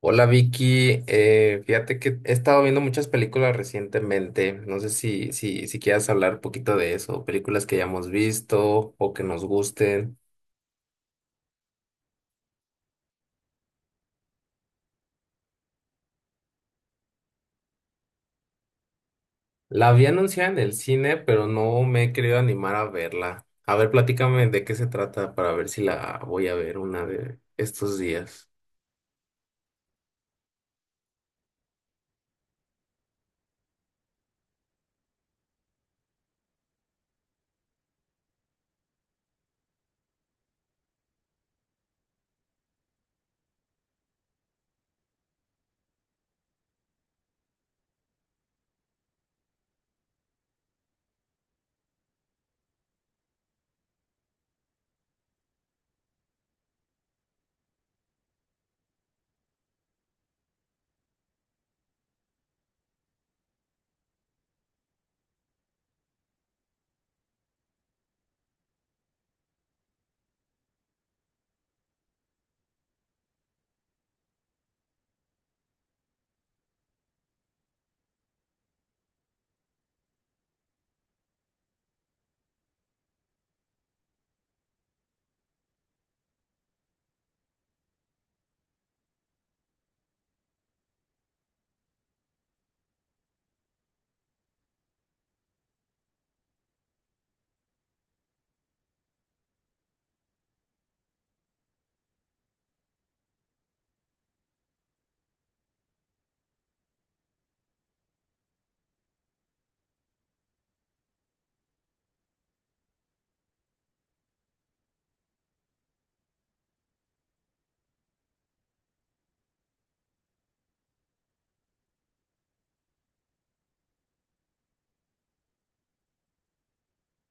Hola Vicky, fíjate que he estado viendo muchas películas recientemente. No sé si quieras hablar un poquito de eso, películas que ya hemos visto o que nos gusten. La vi anunciada en el cine, pero no me he querido animar a verla. A ver, platícame de qué se trata para ver si la voy a ver una de estos días.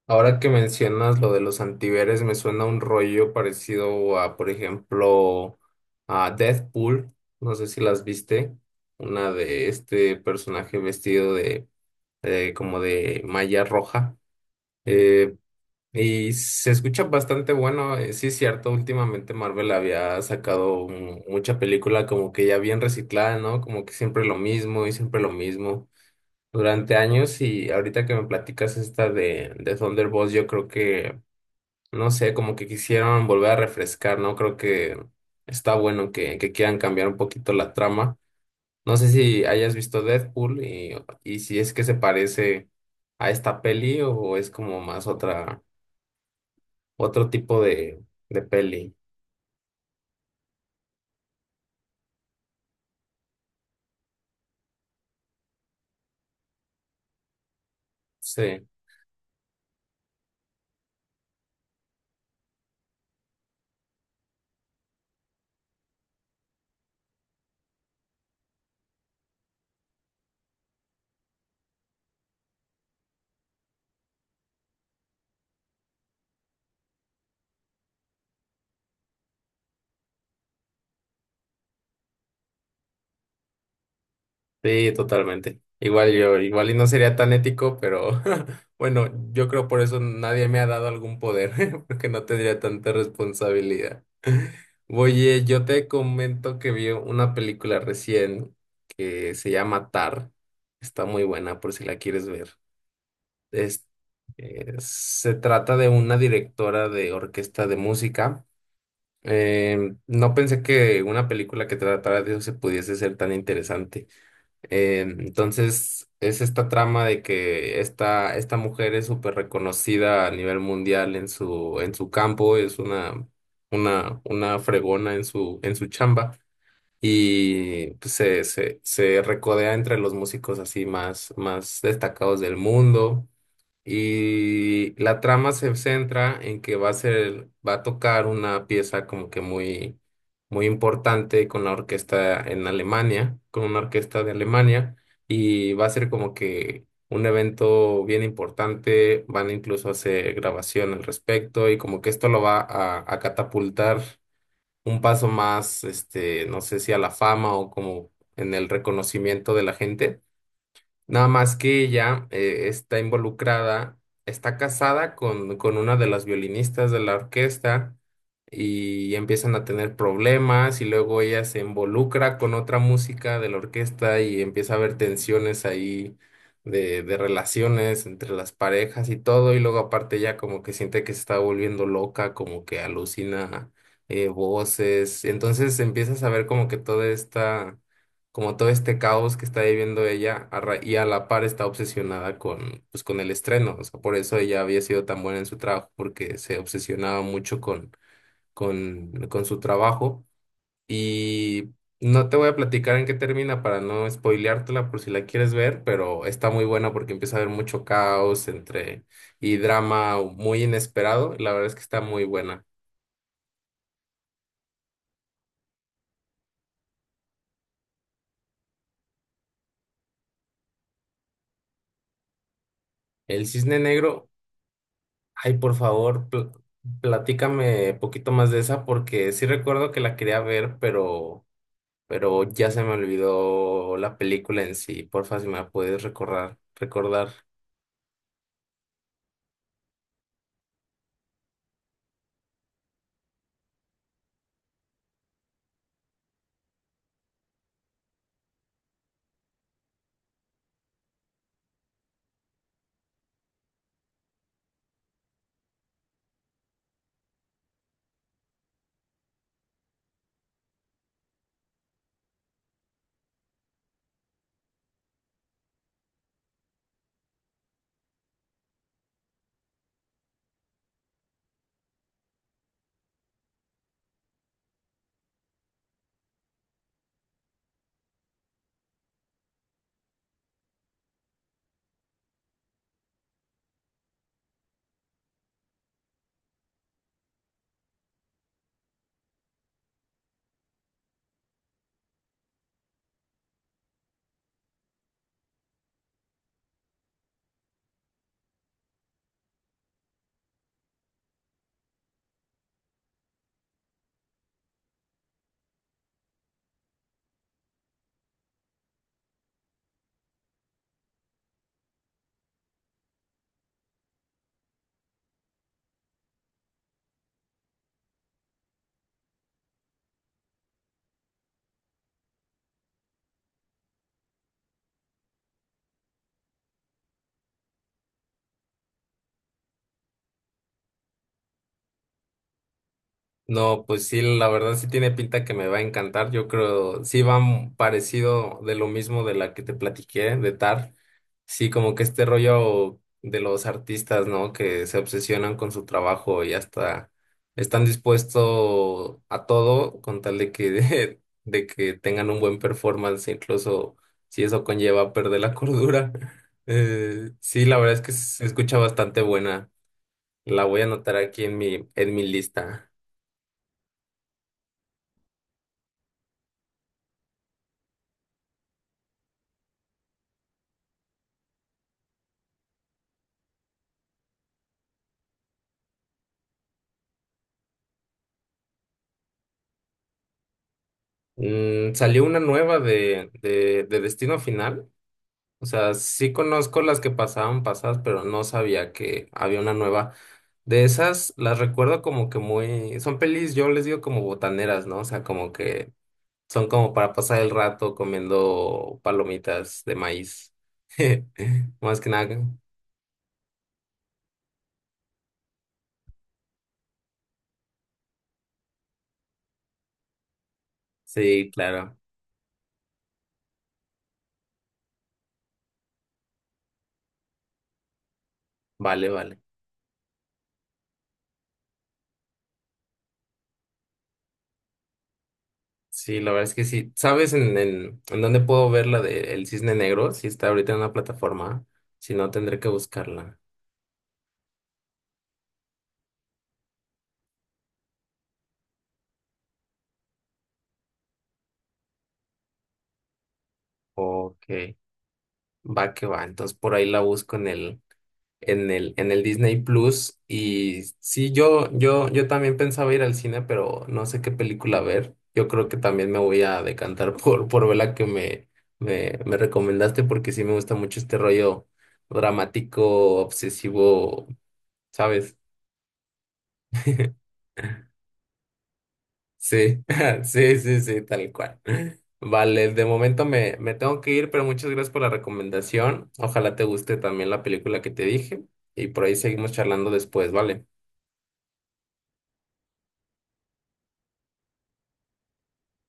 Ahora que mencionas lo de los antihéroes, me suena un rollo parecido a, por ejemplo, a Deathpool. No sé si las viste. Una de este personaje vestido de, como de malla roja. Eh, y se escucha bastante bueno. Sí, es cierto, últimamente Marvel había sacado mucha película como que ya bien reciclada, ¿no? Como que siempre lo mismo y siempre lo mismo durante años y ahorita que me platicas esta de Thunderbolts, yo creo que no sé, como que quisieron volver a refrescar, ¿no? Creo que está bueno que quieran cambiar un poquito la trama. No sé si hayas visto Deadpool y si es que se parece a esta peli o es como más otra, otro tipo de peli. Sí, sí, totalmente. Igual yo, igual y no sería tan ético, pero bueno, yo creo por eso nadie me ha dado algún poder, porque no tendría tanta responsabilidad. Oye, yo te comento que vi una película recién que se llama Tar. Está muy buena por si la quieres ver. Es- se trata de una directora de orquesta de música. No pensé que una película que tratara de eso se pudiese ser tan interesante. Entonces, es esta trama de que esta mujer es súper reconocida a nivel mundial en en su campo, es una, una fregona en en su chamba y pues, se recodea entre los músicos así más, más destacados del mundo. Y la trama se centra en que va a ser, va a tocar una pieza como que muy, muy importante con la orquesta en Alemania, con una orquesta de Alemania, y va a ser como que un evento bien importante, van incluso a hacer grabación al respecto, y como que esto lo va a catapultar un paso más, este, no sé si a la fama o como en el reconocimiento de la gente. Nada más que ella está involucrada, está casada con una de las violinistas de la orquesta y empiezan a tener problemas y luego ella se involucra con otra música de la orquesta y empieza a haber tensiones ahí de relaciones entre las parejas y todo y luego aparte ella como que siente que se está volviendo loca, como que alucina voces, entonces empiezas a ver como que toda esta como todo este caos que está viviendo ella y a la par está obsesionada con, pues, con el estreno. O sea, por eso ella había sido tan buena en su trabajo, porque se obsesionaba mucho con su trabajo. Y no te voy a platicar en qué termina para no spoileártela por si la quieres ver, pero está muy buena porque empieza a haber mucho caos entre y drama muy inesperado. La verdad es que está muy buena. El Cisne Negro. Ay, por favor, platícame poquito más de esa porque sí recuerdo que la quería ver, pero ya se me olvidó la película en sí. Porfa, si me la puedes recordar. No, pues sí, la verdad sí tiene pinta que me va a encantar. Yo creo, sí va parecido de lo mismo de la que te platiqué, de TAR. Sí, como que este rollo de los artistas, ¿no? Que se obsesionan con su trabajo y hasta están dispuestos a todo con tal de que, de que tengan un buen performance, incluso si eso conlleva perder la cordura. Sí, la verdad es que se escucha bastante buena. La voy a anotar aquí en en mi lista. Mm, salió una nueva de Destino Final. O sea, sí conozco las que pasaban pasadas, pero no sabía que había una nueva. De esas las recuerdo como que muy... Son pelis, yo les digo como botaneras, ¿no? O sea, como que son como para pasar el rato comiendo palomitas de maíz. Más que nada. Sí, claro. Vale, vale. Sí, la verdad es que sí. ¿Sabes en, en dónde puedo ver la de El Cisne Negro? Si está ahorita en una plataforma. Si no, tendré que buscarla. Ok. Va que va. Entonces por ahí la busco en el, en el Disney Plus. Y sí, yo también pensaba ir al cine, pero no sé qué película ver. Yo creo que también me voy a decantar por ver la que me recomendaste, porque sí me gusta mucho este rollo dramático, obsesivo, ¿sabes? Sí, sí, sí, sí, tal cual. Vale, de momento me tengo que ir, pero muchas gracias por la recomendación. Ojalá te guste también la película que te dije y por ahí seguimos charlando después, ¿vale?